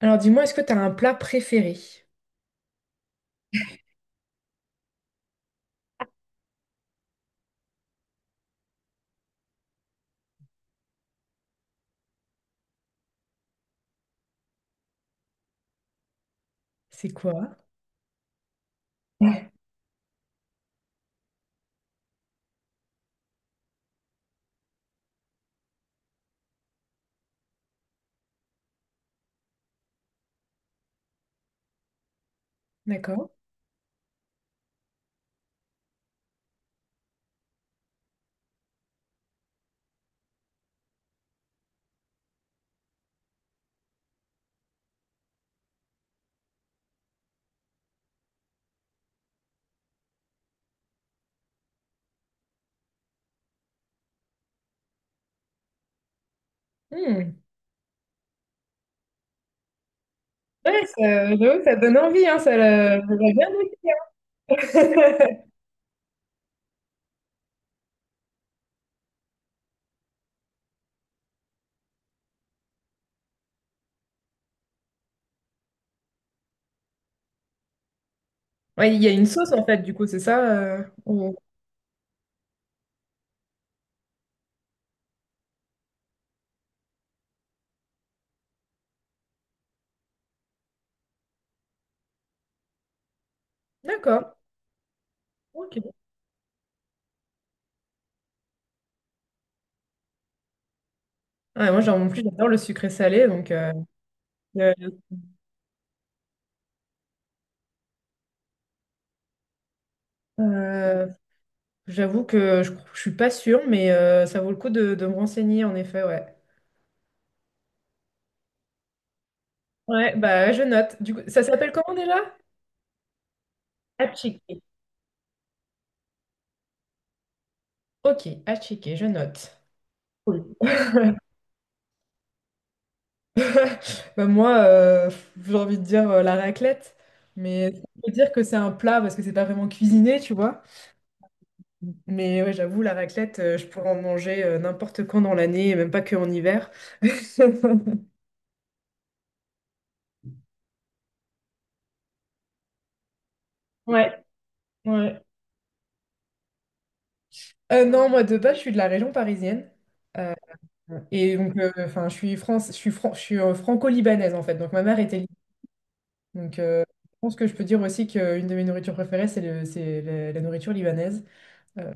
Alors dis-moi, est-ce que tu as un plat préféré? C'est quoi? Ouais. D'accord. Hmm. Ouais, ça, j'avoue, ça donne envie, hein, va bien goûter, hein. Ouais, il y a une sauce en fait, du coup, c'est ça? D'accord. Ok. Ouais, moi, genre, en plus, j'adore le sucré salé, donc euh, euh, j'avoue que je suis pas sûre, mais ça vaut le coup de me renseigner, en effet, ouais. Ouais, bah je note. Du coup, ça s'appelle comment déjà? À checker. Ok, à checker, je note. Cool. Bah, moi, j'ai envie de dire la raclette, mais on peut dire que c'est un plat parce que c'est pas vraiment cuisiné, tu vois. Mais ouais, j'avoue, la raclette, je pourrais en manger n'importe quand dans l'année, et même pas que en hiver. Ouais, ouais. Non, moi de base, je suis de la région parisienne. Et donc, enfin, je suis France, je suis franco-libanaise en fait. Donc, ma mère était libanais. Donc, je pense que je peux dire aussi qu'une de mes nourritures préférées, c'est la nourriture libanaise. Euh,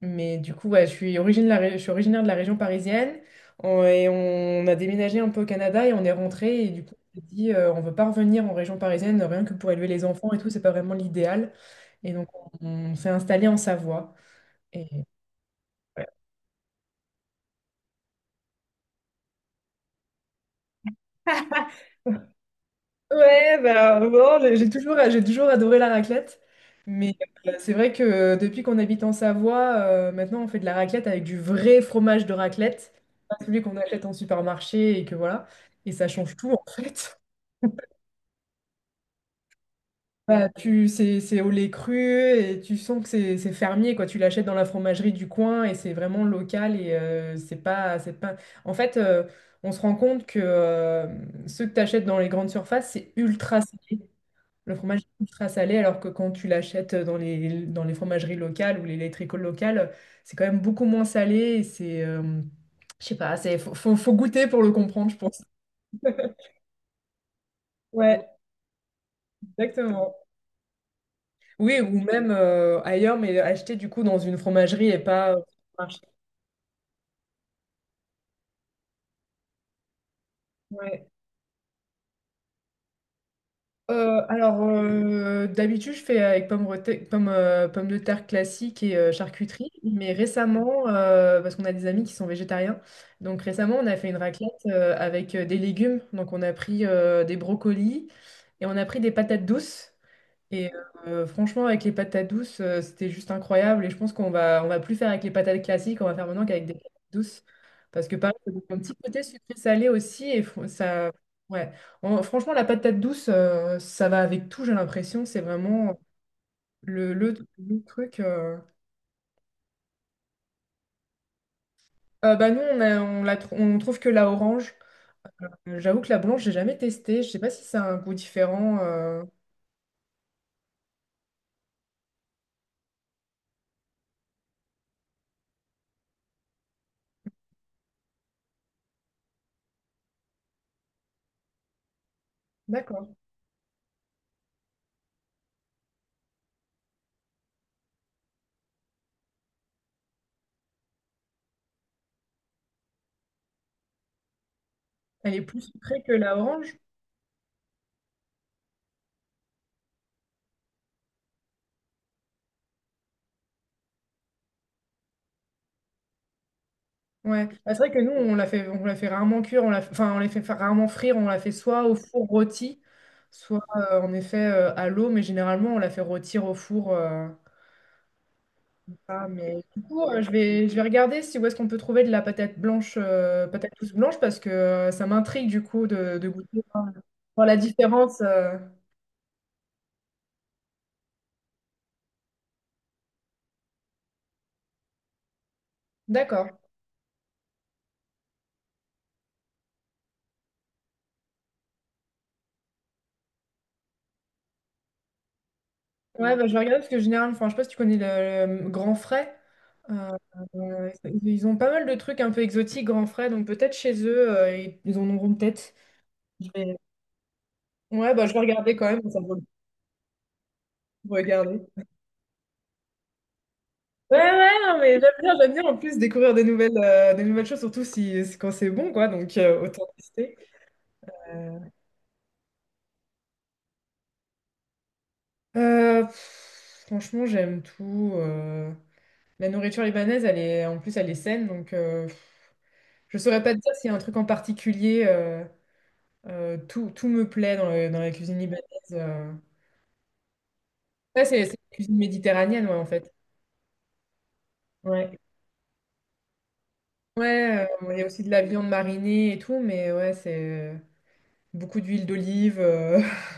Mais du coup, ouais, je suis originaire de la région parisienne. Et on a déménagé un peu au Canada et on est rentré. Et du coup, on s'est dit, on veut pas revenir en région parisienne, rien que pour élever les enfants et tout, c'est pas vraiment l'idéal. Et donc, on, on s'est installé en Savoie. Et... Ouais. Ouais, bah, bon, j'ai toujours adoré la raclette. Mais c'est vrai que depuis qu'on habite en Savoie, maintenant on fait de la raclette avec du vrai fromage de raclette, pas celui qu'on achète en supermarché et que voilà. Et ça change tout en fait. Bah, c'est au lait cru et tu sens que c'est fermier, quoi. Tu l'achètes dans la fromagerie du coin et c'est vraiment local et c'est pas... En fait, on se rend compte que ceux que tu achètes dans les grandes surfaces, c'est ultra salé. Le fromage est ultra salé, alors que quand tu l'achètes dans les fromageries locales ou les laiteries locales, c'est quand même beaucoup moins salé et c'est... je sais pas, c'est, faut, faut faut goûter pour le comprendre, je pense. Ouais, exactement. Oui, ou même ailleurs, mais acheter du coup dans une fromagerie et pas au marché. Ouais. Alors, d'habitude, je fais avec pommes de terre classiques et charcuterie. Mais récemment, parce qu'on a des amis qui sont végétariens, donc récemment, on a fait une raclette avec des légumes. Donc, on a pris des brocolis et on a pris des patates douces. Et franchement, avec les patates douces, c'était juste incroyable. Et je pense qu'on va plus faire avec les patates classiques, on va faire maintenant qu'avec des patates douces. Parce que pareil, ça donne un petit côté sucré-salé aussi. Ouais. Franchement, la patate douce, ça va avec tout, j'ai l'impression. C'est vraiment le, le, le truc. Bah nous, on a- on la tr- on trouve que la orange. J'avoue que la blanche, j'ai jamais testé. Je sais pas si ça a un goût différent. D'accord. Elle est plus sucrée que la orange. Ouais, bah, c'est vrai que nous, on la fait rarement cuire, enfin, on les fait fa- rarement frire, on la fait soit au four rôti, soit en effet à l'eau, mais généralement, on la fait rôtir au four. Ah, mais du coup, je vais regarder si où est-ce qu'on peut trouver de la patate blanche, patate douce blanche, parce que ça m'intrigue du coup de goûter voir voir la différence. D'accord. Ouais, bah, je vais regarder parce que généralement, enfin, je sais pas si tu connais le Grand Frais. Euh, euh, ils ont pas mal de trucs un peu exotiques, Grand Frais, donc peut-être chez eux, ils ils en auront peut-être. Je vais- Ouais, bah, je vais regarder quand même, ça vaut le coup de regarder. Ouais, ouais, non, mais j'aime bien en plus découvrir des nouvelles choses, surtout si, quand c'est bon, quoi, donc autant tester. Euh, pff, franchement, j'aime tout. La nourriture libanaise, en plus, elle est saine, donc je saurais pas te dire s'il y a un truc en particulier. Tout, tout me plaît dans, dans la cuisine libanaise. euh. Ouais, c'est la cuisine méditerranéenne, ouais, en fait. Ouais. Ouais, il y a aussi de la viande marinée et tout, mais ouais, c'est beaucoup d'huile d'olive.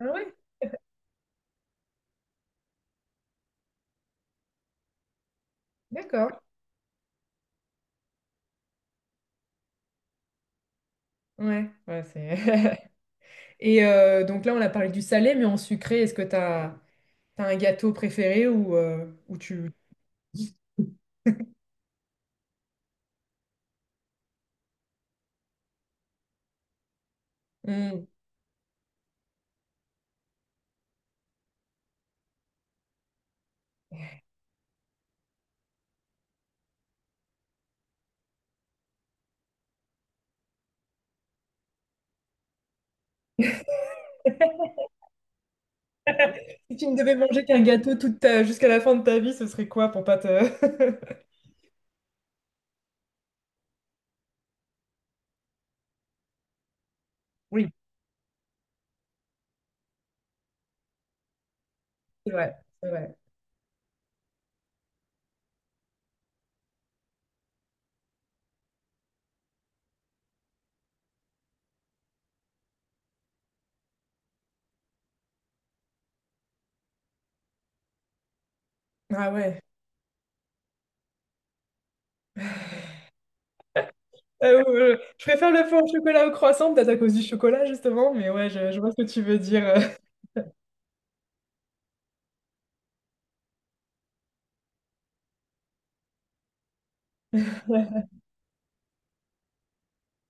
Ah ouais, d'accord. Ouais, ouais, c'est. Et donc là, on a parlé du salé, mais en sucré, est-ce que t'as un gâteau préféré ou tu. Hmm. Si tu ne devais manger qu'un gâteau jusqu'à la fin de ta vie, ce serait quoi pour pas te. Oui, c'est vrai, c'est vrai. Ah ouais. Je préfère le feu au chocolat au croissant, peut-être à cause du chocolat justement, mais ouais, je vois ce que tu veux dire.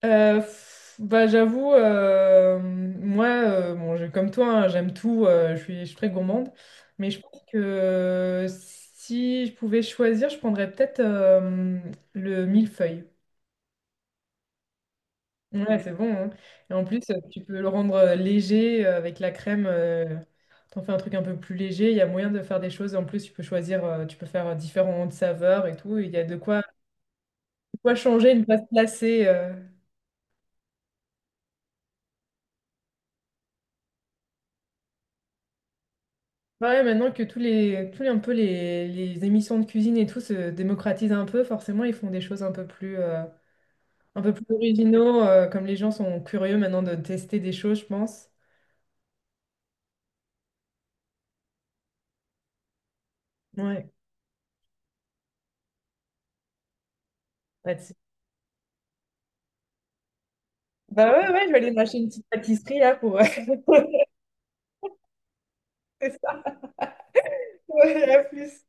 Pff, bah j'avoue, bon, comme toi, hein, j'aime tout, je suis très gourmande, mais je pense que si je pouvais choisir, je prendrais peut-être le millefeuille. Ouais, c'est bon, hein. Et en plus, tu peux le rendre léger avec la crème. T'en fais un truc un peu plus léger. Il y a moyen de faire des choses. En plus, tu peux choisir, tu peux faire différentes saveurs et tout. Il y a de quoi changer, ne pas se lasser. Ouais, maintenant que tous les, un peu les émissions de cuisine et tout se démocratisent un peu, forcément, ils font des choses un peu plus originaux. Comme les gens sont curieux maintenant de tester des choses, je pense. Ouais. Bah, tu- bah ouais, ouais, je vais aller m'acheter une petite pâtisserie là pour. Ouais, à plus.